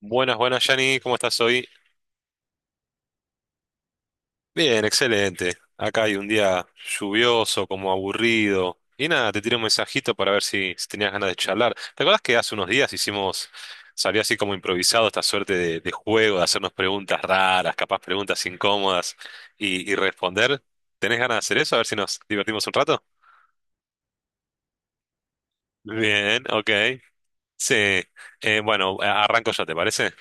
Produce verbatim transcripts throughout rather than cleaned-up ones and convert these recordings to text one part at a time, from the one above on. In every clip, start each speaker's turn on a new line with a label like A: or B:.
A: Buenas, buenas, Yanni, ¿cómo estás hoy? Bien, excelente. Acá hay un día lluvioso, como aburrido. Y nada, te tiré un mensajito para ver si, si tenías ganas de charlar. ¿Te acuerdas que hace unos días hicimos, salió así como improvisado esta suerte de, de juego, de hacernos preguntas raras, capaz preguntas incómodas y, y responder? ¿Tenés ganas de hacer eso? A ver si nos divertimos un rato. Bien, ok. Sí. Eh, bueno, a- arranco ya, ¿te parece?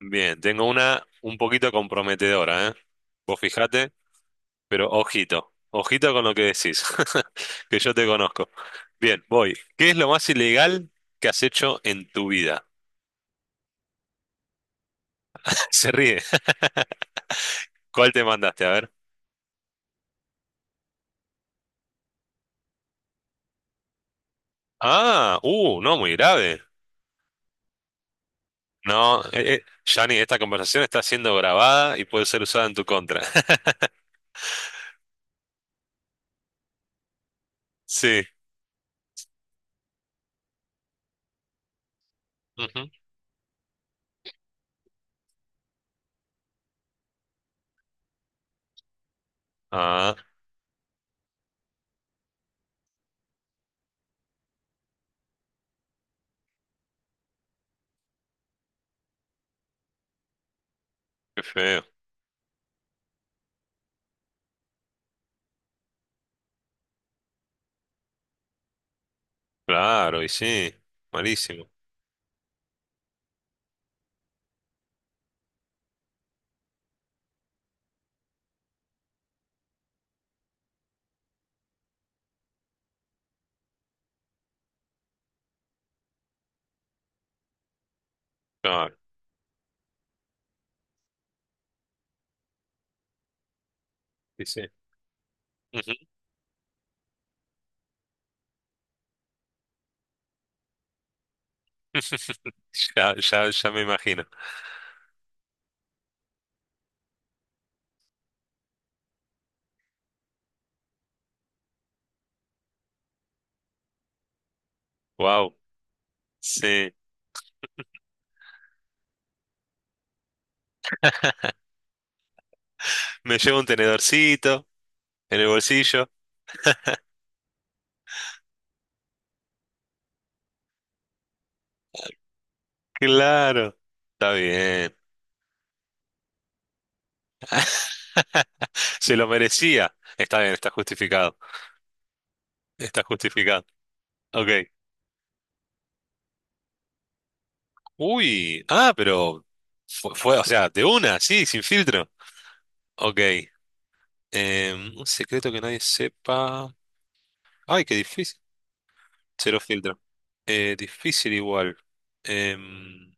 A: Bien, tengo una un poquito comprometedora, ¿eh? Vos fijate. Pero ojito, ojito con lo que decís, que yo te conozco. Bien, voy. ¿Qué es lo más ilegal que has hecho en tu vida? Se ríe. ¿Cuál te mandaste? A ver. Ah, uh, no, muy grave. No, eh, eh, Gianni, esta conversación está siendo grabada y puede ser usada en tu contra. Sí. Ujú. Ah, qué feo. Claro, y sí. Malísimo. Claro, y sí. Ujú. Ya, ya, ya me imagino. Wow. Sí. Me llevo un tenedorcito. En el bolsillo. Claro. Está bien. Se lo merecía. Está bien, está justificado. Está justificado. Ok. Uy. Ah, pero fue, fue, o sea, de una, sí, sin filtro. Ok. Em, un secreto que nadie sepa. Ay, qué difícil. Cero filtro. Eh, difícil igual. Em,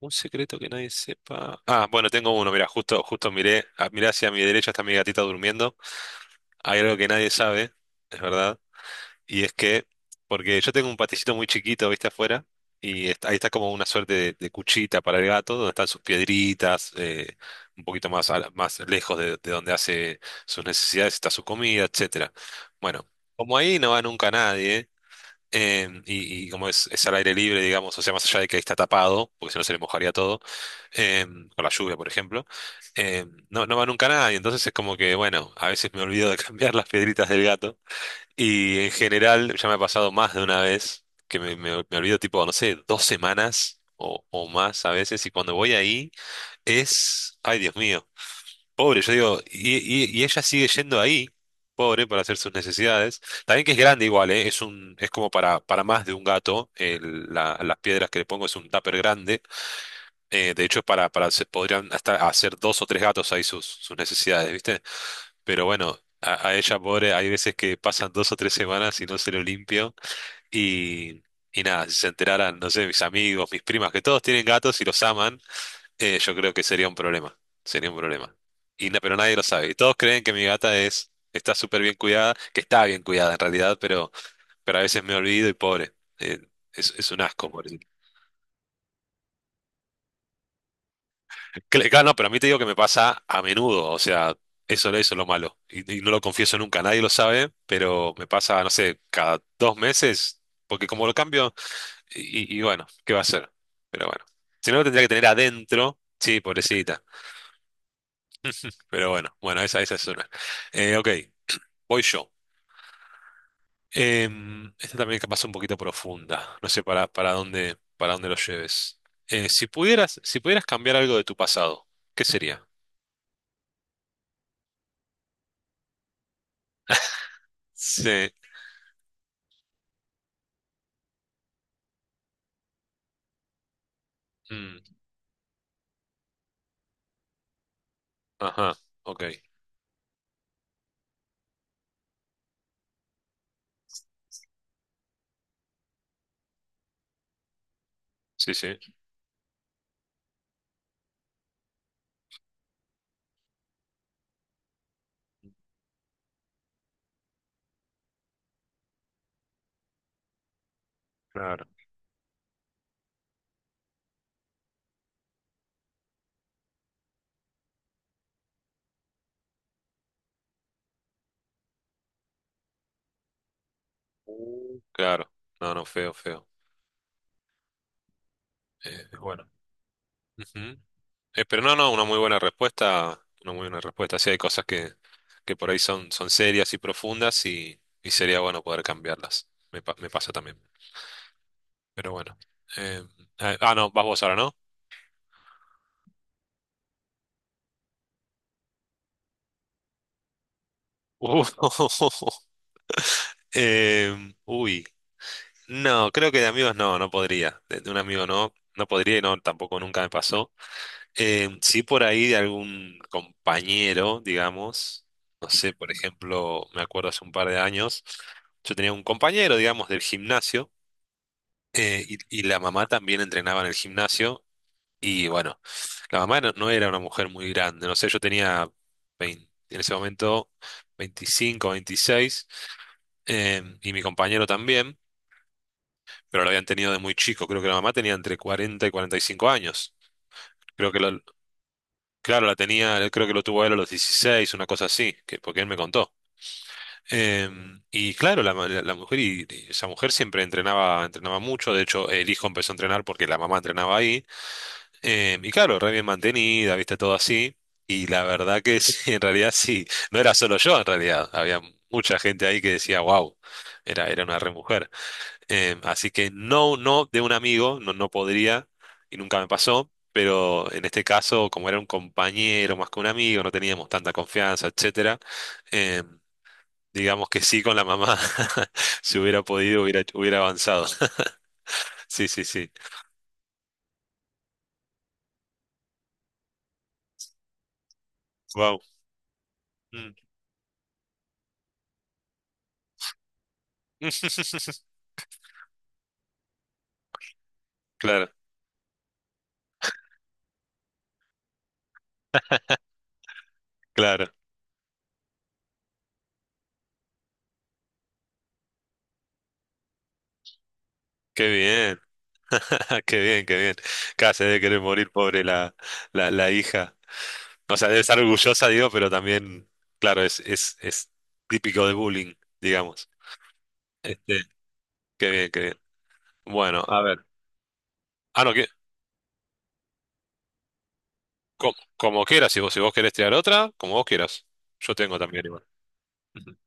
A: un secreto que nadie sepa. Ah, bueno, tengo uno. Mira, justo, justo miré, ah, miré hacia mi derecha está mi gatita durmiendo. Hay algo que nadie sabe, es verdad. Y es que, porque yo tengo un paticito muy chiquito, viste, afuera, y está- ahí está como una suerte de, de cuchita para el gato, donde están sus piedritas, eh, un poquito más, a la- más lejos de, de donde hace sus necesidades, está su comida, etcétera. Bueno, como ahí no va nunca nadie, em, y, y como es, es al aire libre, digamos, o sea, más allá de que ahí está tapado, porque si no se le mojaría todo, em, con la lluvia, por ejemplo, em, no, no va nunca nadie, entonces es como que, bueno, a veces me olvido de cambiar las piedritas del gato. Y en general, ya me ha pasado más de una vez que me, me- me olvido tipo, no sé, dos semanas o, o más a veces. Y cuando voy ahí es, ay Dios mío, pobre, yo digo, y, y- y ella sigue yendo ahí, pobre, para hacer sus necesidades. También que es grande igual, ¿eh? Es un, es como para, para más de un gato. el- la- las piedras que le pongo es un tupper grande. eh, de hecho, para, para hacer- podrían hasta hacer dos o tres gatos ahí sus, sus necesidades, ¿viste? Pero bueno, a, a ella pobre, hay veces que pasan dos o tres semanas y no se lo limpio. Y, y nada, si se enteraran, no sé, mis amigos, mis primas, que todos tienen gatos y los aman, eh, yo creo que sería un problema. Sería un problema. Y, na- pero nadie lo sabe. Y todos creen que mi gata es, está súper bien cuidada, que está bien cuidada en realidad, pero, pero a veces me olvido y pobre. eh, es, es un asco, pobre. Que le- claro, no, pero a mí te digo que me pasa a menudo, o sea, eso, eso es lo malo. Y, y no lo confieso nunca, nadie lo sabe, pero me pasa, no sé, cada dos meses, porque como lo cambio, y, y- bueno, ¿qué va a hacer? Pero bueno, si no lo tendría que tener adentro, sí, pobrecita, pero bueno, bueno, esa, esa es una. Eh, ok, voy yo. Em, esta también capaz un poquito profunda, no sé para, para dónde, para dónde lo lleves. Eh, si pudieras, si pudieras cambiar algo de tu pasado, ¿qué sería? Sí. Mm. Ajá, ok. Sí, sí, claro. Uh. Claro. No, no, feo, feo. Eh, bueno. Ujú. Eh, pero no, no, una muy buena respuesta. Una muy buena respuesta. Sí, hay cosas que, que por ahí son, son serias y profundas y, y sería bueno poder cambiarlas. Me, pa- me pasa también. Pero bueno. Eh, ah, ah, no, vas vos ahora, ¿no? Uh, em, uy. No, creo que de amigos no, no podría. De, de un amigo no, no podría y no, tampoco nunca me pasó. Eh, sí, por ahí de algún compañero, digamos, no sé, por ejemplo, me acuerdo hace un par de años, yo tenía un compañero, digamos, del gimnasio, eh, y, y la mamá también entrenaba en el gimnasio, y bueno, la mamá no, no era una mujer muy grande, no sé, yo tenía veinte en ese momento veinticinco, veintiséis, em, y mi compañero también, pero lo habían tenido de muy chico, creo que la mamá tenía entre cuarenta y cuarenta y cinco años. Creo que lo- Claro, la tenía, él creo que lo tuvo él a los dieciséis, una cosa así, que porque él me contó. Em, y claro, la, ma- la- la mujer y, y esa mujer siempre entrenaba, entrenaba mucho. De hecho, el hijo empezó a entrenar porque la mamá entrenaba ahí. Em, y claro, re bien mantenida, viste, todo así. Y la verdad que sí, en realidad sí. No era solo yo, en realidad. Había mucha gente ahí que decía, wow, era, era una re mujer. Em, así que no, no de un amigo, no, no podría y nunca me pasó, pero en este caso, como era un compañero más que un amigo, no teníamos tanta confianza, etcétera, em, digamos que sí con la mamá, si hubiera podido, hubiera, hubiera avanzado. Sí, sí, sí. Wow. Claro, claro. Qué bien, qué bien, qué bien. Casi debe querer morir, pobre la, la, la hija. O sea, debe estar orgullosa, digo, pero también, claro, es, es, es típico de bullying, digamos. Este, qué bien, qué bien. Bueno, a ver. Ah, no, que, co- como, quieras, si vos, si vos querés tirar otra, como vos quieras. Yo tengo también igual. Ujú.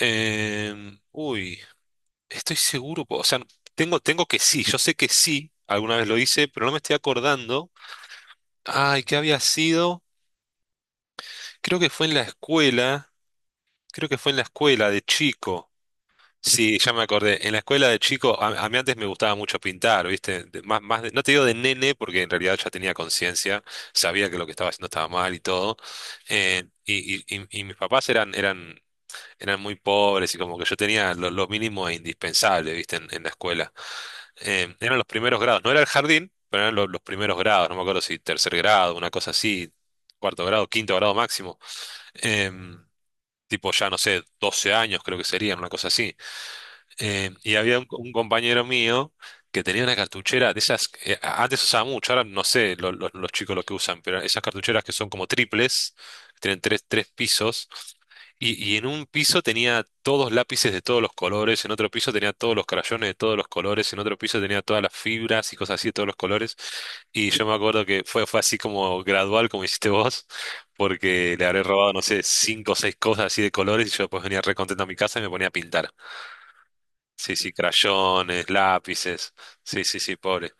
A: Em, uy, estoy seguro, po- o sea, tengo, tengo que sí, yo sé que sí, alguna vez lo hice, pero no me estoy acordando. Ay, ¿qué había sido? Creo que fue en la escuela, creo que fue en la escuela de chico. Sí, ya me acordé. En la escuela de chico, a, a mí antes me gustaba mucho pintar, ¿viste? De- más, más de- no te digo de nene, porque en realidad ya tenía conciencia, sabía que lo que estaba haciendo estaba mal y todo. Eh, y, y- y- y mis papás eran, eran, eran muy pobres y como que yo tenía lo, lo mínimo e indispensable, ¿viste? En, en la escuela. Eh, eran los primeros grados, no era el jardín, pero eran lo- los primeros grados, no me acuerdo si tercer grado, una cosa así, cuarto grado, quinto grado máximo. Em, tipo ya, no sé, doce años creo que serían, una cosa así. Eh, y había un, un compañero mío que tenía una cartuchera de esas, que eh, antes usaba mucho, ahora no sé lo- lo- los chicos lo que usan, pero esas cartucheras que son como triples, que tienen tres, tres pisos, y, y en un piso tenía todos lápices de todos los colores, en otro piso tenía todos los crayones de todos los colores, en otro piso tenía todas las fibras y cosas así de todos los colores, y yo me acuerdo que fue, fue así como gradual, como hiciste vos, porque le habré robado, no sé, cinco o seis cosas así de colores, y yo después venía re contento a mi casa y me ponía a pintar. Sí, sí, crayones, lápices. Sí, sí, sí, pobre.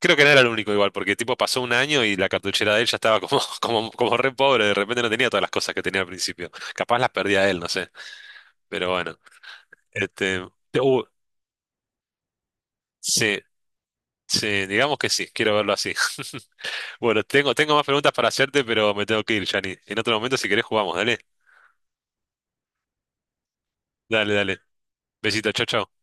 A: Creo que no era el único igual, porque tipo pasó un año y la cartuchera de él ya estaba como, como, como re pobre, de repente no tenía todas las cosas que tenía al principio. Capaz las perdía él, no sé. Pero bueno. Este, uh, sí, sí, digamos que sí, quiero verlo así. Bueno, tengo, tengo más preguntas para hacerte, pero me tengo que ir, Jani. En otro momento, si querés, jugamos, dale. Dale, dale. Besito, chau, chau.